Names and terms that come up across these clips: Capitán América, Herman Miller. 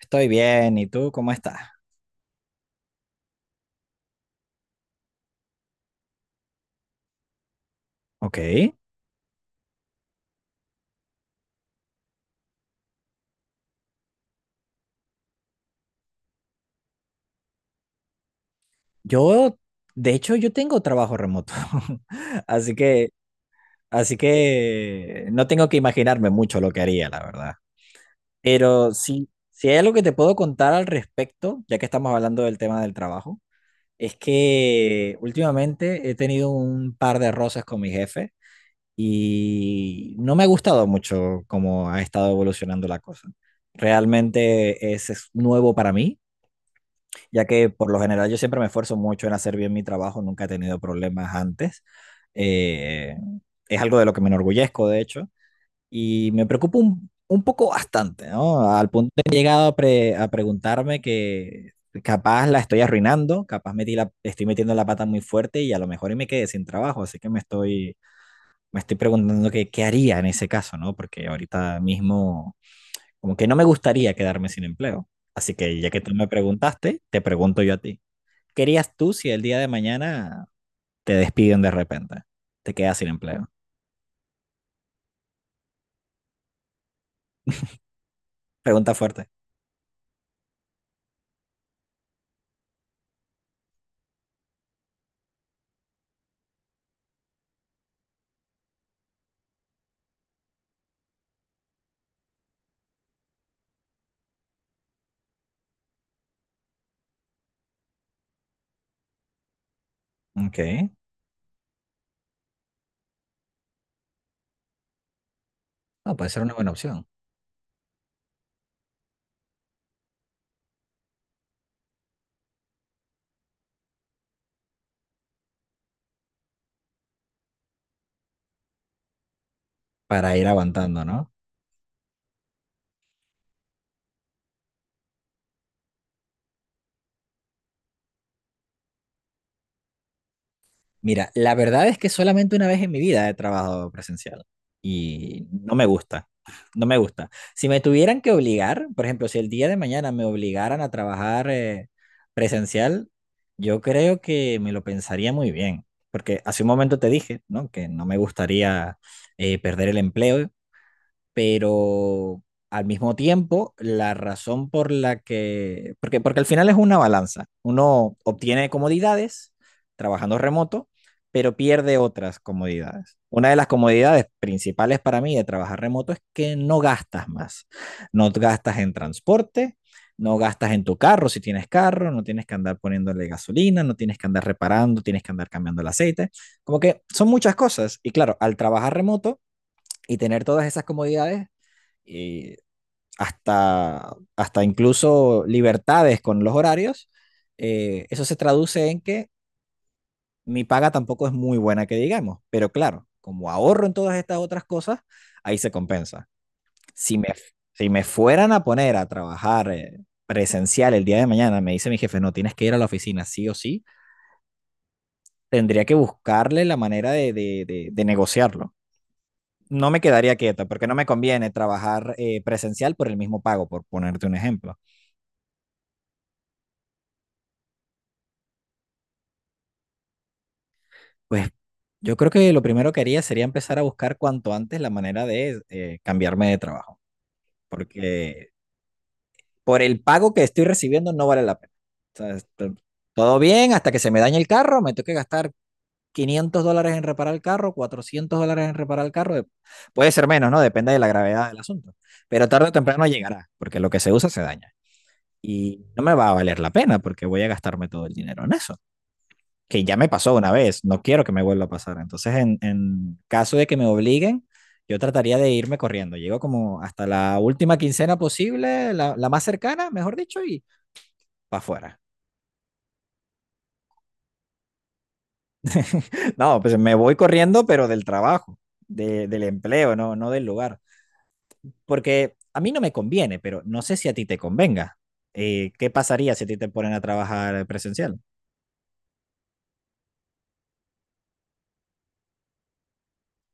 Estoy bien, ¿y tú cómo estás? Ok. Yo, de hecho, yo tengo trabajo remoto, así que no tengo que imaginarme mucho lo que haría, la verdad. Pero sí, si hay algo que te puedo contar al respecto, ya que estamos hablando del tema del trabajo, es que últimamente he tenido un par de roces con mi jefe y no me ha gustado mucho cómo ha estado evolucionando la cosa. Realmente es nuevo para mí ya que por lo general yo siempre me esfuerzo mucho en hacer bien mi trabajo, nunca he tenido problemas antes. Eh, es algo de lo que me enorgullezco, de hecho, y me preocupa un poco bastante, ¿no? Al punto de que he llegado a preguntarme que capaz la estoy arruinando, capaz metí la, estoy metiendo la pata muy fuerte y a lo mejor y me quedé sin trabajo, así que me estoy preguntando que, qué haría en ese caso, ¿no? Porque ahorita mismo como que no me gustaría quedarme sin empleo. Así que ya que tú me preguntaste, te pregunto yo a ti. ¿Qué harías tú si el día de mañana te despiden de repente? Te quedas sin empleo. Pregunta fuerte. Ok. No, puede ser una buena opción para ir aguantando, ¿no? Mira, la verdad es que solamente una vez en mi vida he trabajado presencial y no me gusta. No me gusta. Si me tuvieran que obligar, por ejemplo, si el día de mañana me obligaran a trabajar presencial, yo creo que me lo pensaría muy bien, porque hace un momento te dije, ¿no? Que no me gustaría perder el empleo pero al mismo tiempo, la razón por la que, porque al final es una balanza. Uno obtiene comodidades trabajando remoto, pero pierde otras comodidades. Una de las comodidades principales para mí de trabajar remoto es que no gastas más. No gastas en transporte, no gastas en tu carro si tienes carro, no tienes que andar poniéndole gasolina, no tienes que andar reparando, tienes que andar cambiando el aceite. Como que son muchas cosas. Y claro, al trabajar remoto y tener todas esas comodidades, eh, hasta incluso libertades con los horarios, eso se traduce en que mi paga tampoco es muy buena, que digamos, pero claro, como ahorro en todas estas otras cosas, ahí se compensa. Si me, si me fueran a poner a trabajar presencial el día de mañana, me dice mi jefe, no, tienes que ir a la oficina sí o sí, tendría que buscarle la manera de negociarlo. No me quedaría quieta porque no me conviene trabajar presencial por el mismo pago, por ponerte un ejemplo. Pues yo creo que lo primero que haría sería empezar a buscar cuanto antes la manera de cambiarme de trabajo, porque por el pago que estoy recibiendo no vale la pena. O sea, todo bien hasta que se me dañe el carro, me tengo que gastar $500 en reparar el carro, $400 en reparar el carro, puede ser menos, ¿no? Depende de la gravedad del asunto, pero tarde o temprano llegará, porque lo que se usa se daña y no me va a valer la pena porque voy a gastarme todo el dinero en eso. Que ya me pasó una vez, no quiero que me vuelva a pasar. Entonces, en caso de que me obliguen, yo trataría de irme corriendo. Llego como hasta la última quincena posible, la más cercana, mejor dicho, y para afuera. No, pues me voy corriendo, pero del trabajo, del empleo, no del lugar. Porque a mí no me conviene, pero no sé si a ti te convenga. ¿Qué pasaría si a ti te ponen a trabajar presencial?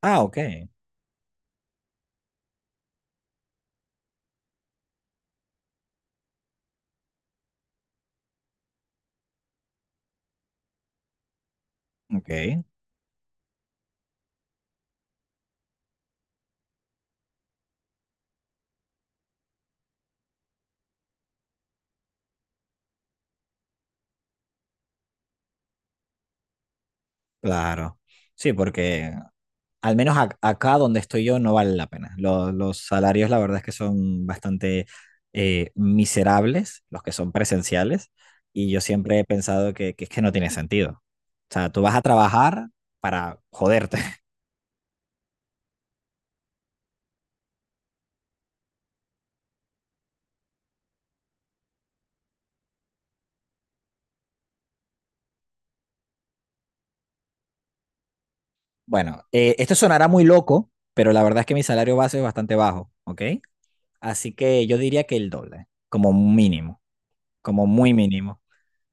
Ah, ok, ok, claro. Sí, porque al menos acá donde estoy yo no vale la pena. Los salarios, la verdad es que son bastante miserables, los que son presenciales, y yo siempre he pensado que es que no tiene sentido. O sea, tú vas a trabajar para joderte. Bueno, esto sonará muy loco, pero la verdad es que mi salario base es bastante bajo, ¿ok? Así que yo diría que el doble, como mínimo, como muy mínimo.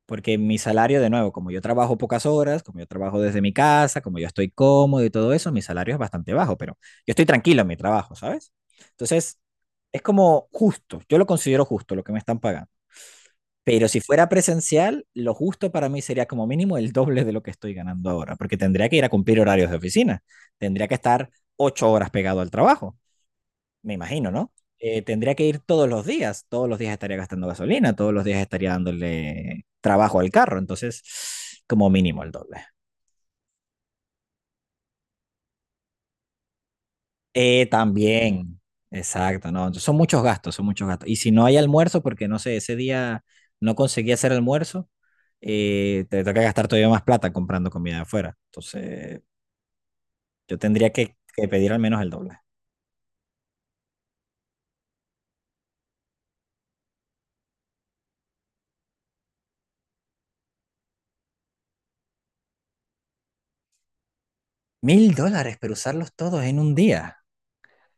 Porque mi salario, de nuevo, como yo trabajo pocas horas, como yo trabajo desde mi casa, como yo estoy cómodo y todo eso, mi salario es bastante bajo, pero yo estoy tranquilo en mi trabajo, ¿sabes? Entonces, es como justo, yo lo considero justo lo que me están pagando. Pero si fuera presencial, lo justo para mí sería como mínimo el doble de lo que estoy ganando ahora, porque tendría que ir a cumplir horarios de oficina, tendría que estar 8 horas pegado al trabajo me imagino, ¿no? Tendría que ir todos los días estaría gastando gasolina, todos los días estaría dándole trabajo al carro, entonces como mínimo el doble. Eh, también, exacto, ¿no? Entonces, son muchos gastos, son muchos gastos. Y si no hay almuerzo, porque no sé, ese día no conseguí hacer almuerzo, te toca gastar todavía más plata comprando comida de afuera. Entonces, yo tendría que pedir al menos el doble. $1000, pero usarlos todos en un día.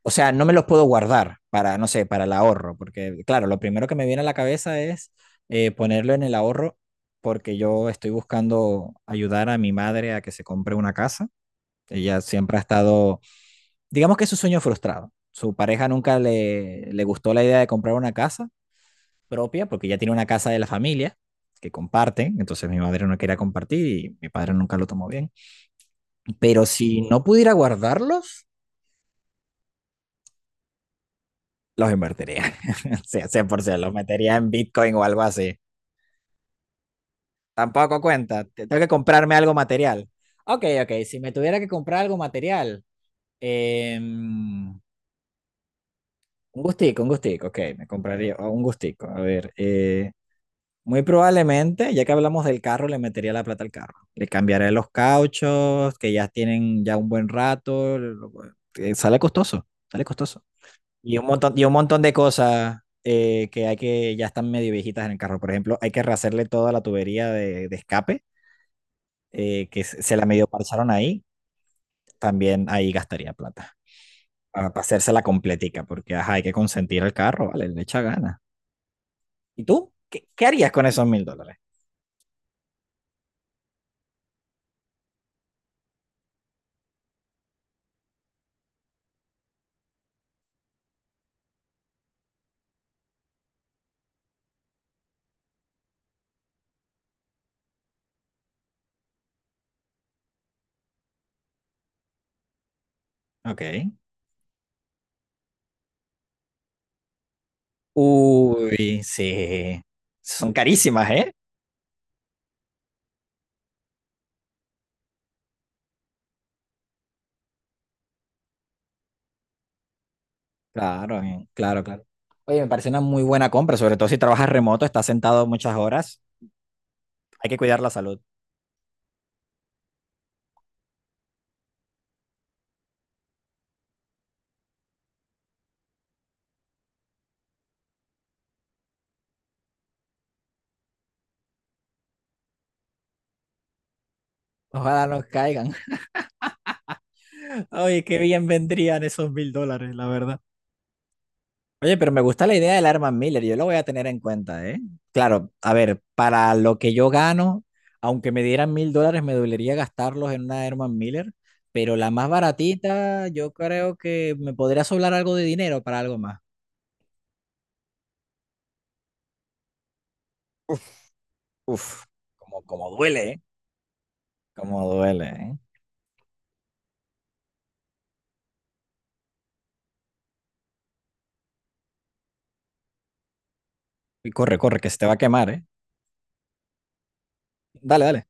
O sea, no me los puedo guardar para, no sé, para el ahorro, porque claro, lo primero que me viene a la cabeza es ponerlo en el ahorro porque yo estoy buscando ayudar a mi madre a que se compre una casa. Ella siempre ha estado, digamos que es su sueño frustrado. Su pareja nunca le gustó la idea de comprar una casa propia porque ya tiene una casa de la familia que comparten, entonces mi madre no quería compartir y mi padre nunca lo tomó bien. Pero si no pudiera guardarlos, los invertiría. Sí, 100%, los metería en Bitcoin o algo así. Tampoco cuenta, tengo que comprarme algo material. Ok, ok, si me tuviera que comprar algo material, eh, un un gustico, ok, me compraría un gustico. A ver, muy probablemente, ya que hablamos del carro, le metería la plata al carro. Le cambiaré los cauchos, que ya tienen ya un buen rato. Sale costoso, sale costoso. Y un montón de cosas que hay que ya están medio viejitas en el carro. Por ejemplo, hay que rehacerle toda la tubería de escape, que se la medio parcharon ahí. También ahí gastaría plata para hacérsela completica, porque ajá, hay que consentir el carro, vale, le echa gana. ¿Y tú? ¿Qué harías con esos $1000? Ok. Uy, sí. Son carísimas, ¿eh? Claro. Oye, me parece una muy buena compra, sobre todo si trabajas remoto, estás sentado muchas horas. Hay que cuidar la salud. Ojalá no caigan. Oye, qué bien vendrían esos $1000, la verdad. Oye, pero me gusta la idea del Arman Miller, yo lo voy a tener en cuenta, ¿eh? Claro, a ver, para lo que yo gano, aunque me dieran $1000, me dolería gastarlos en una Herman Miller, pero la más baratita, yo creo que me podría sobrar algo de dinero para algo más. Uf, uf, como, como duele, ¿eh? Como duele, ¿eh? Y corre, corre, que se te va a quemar, ¿eh? Dale, dale.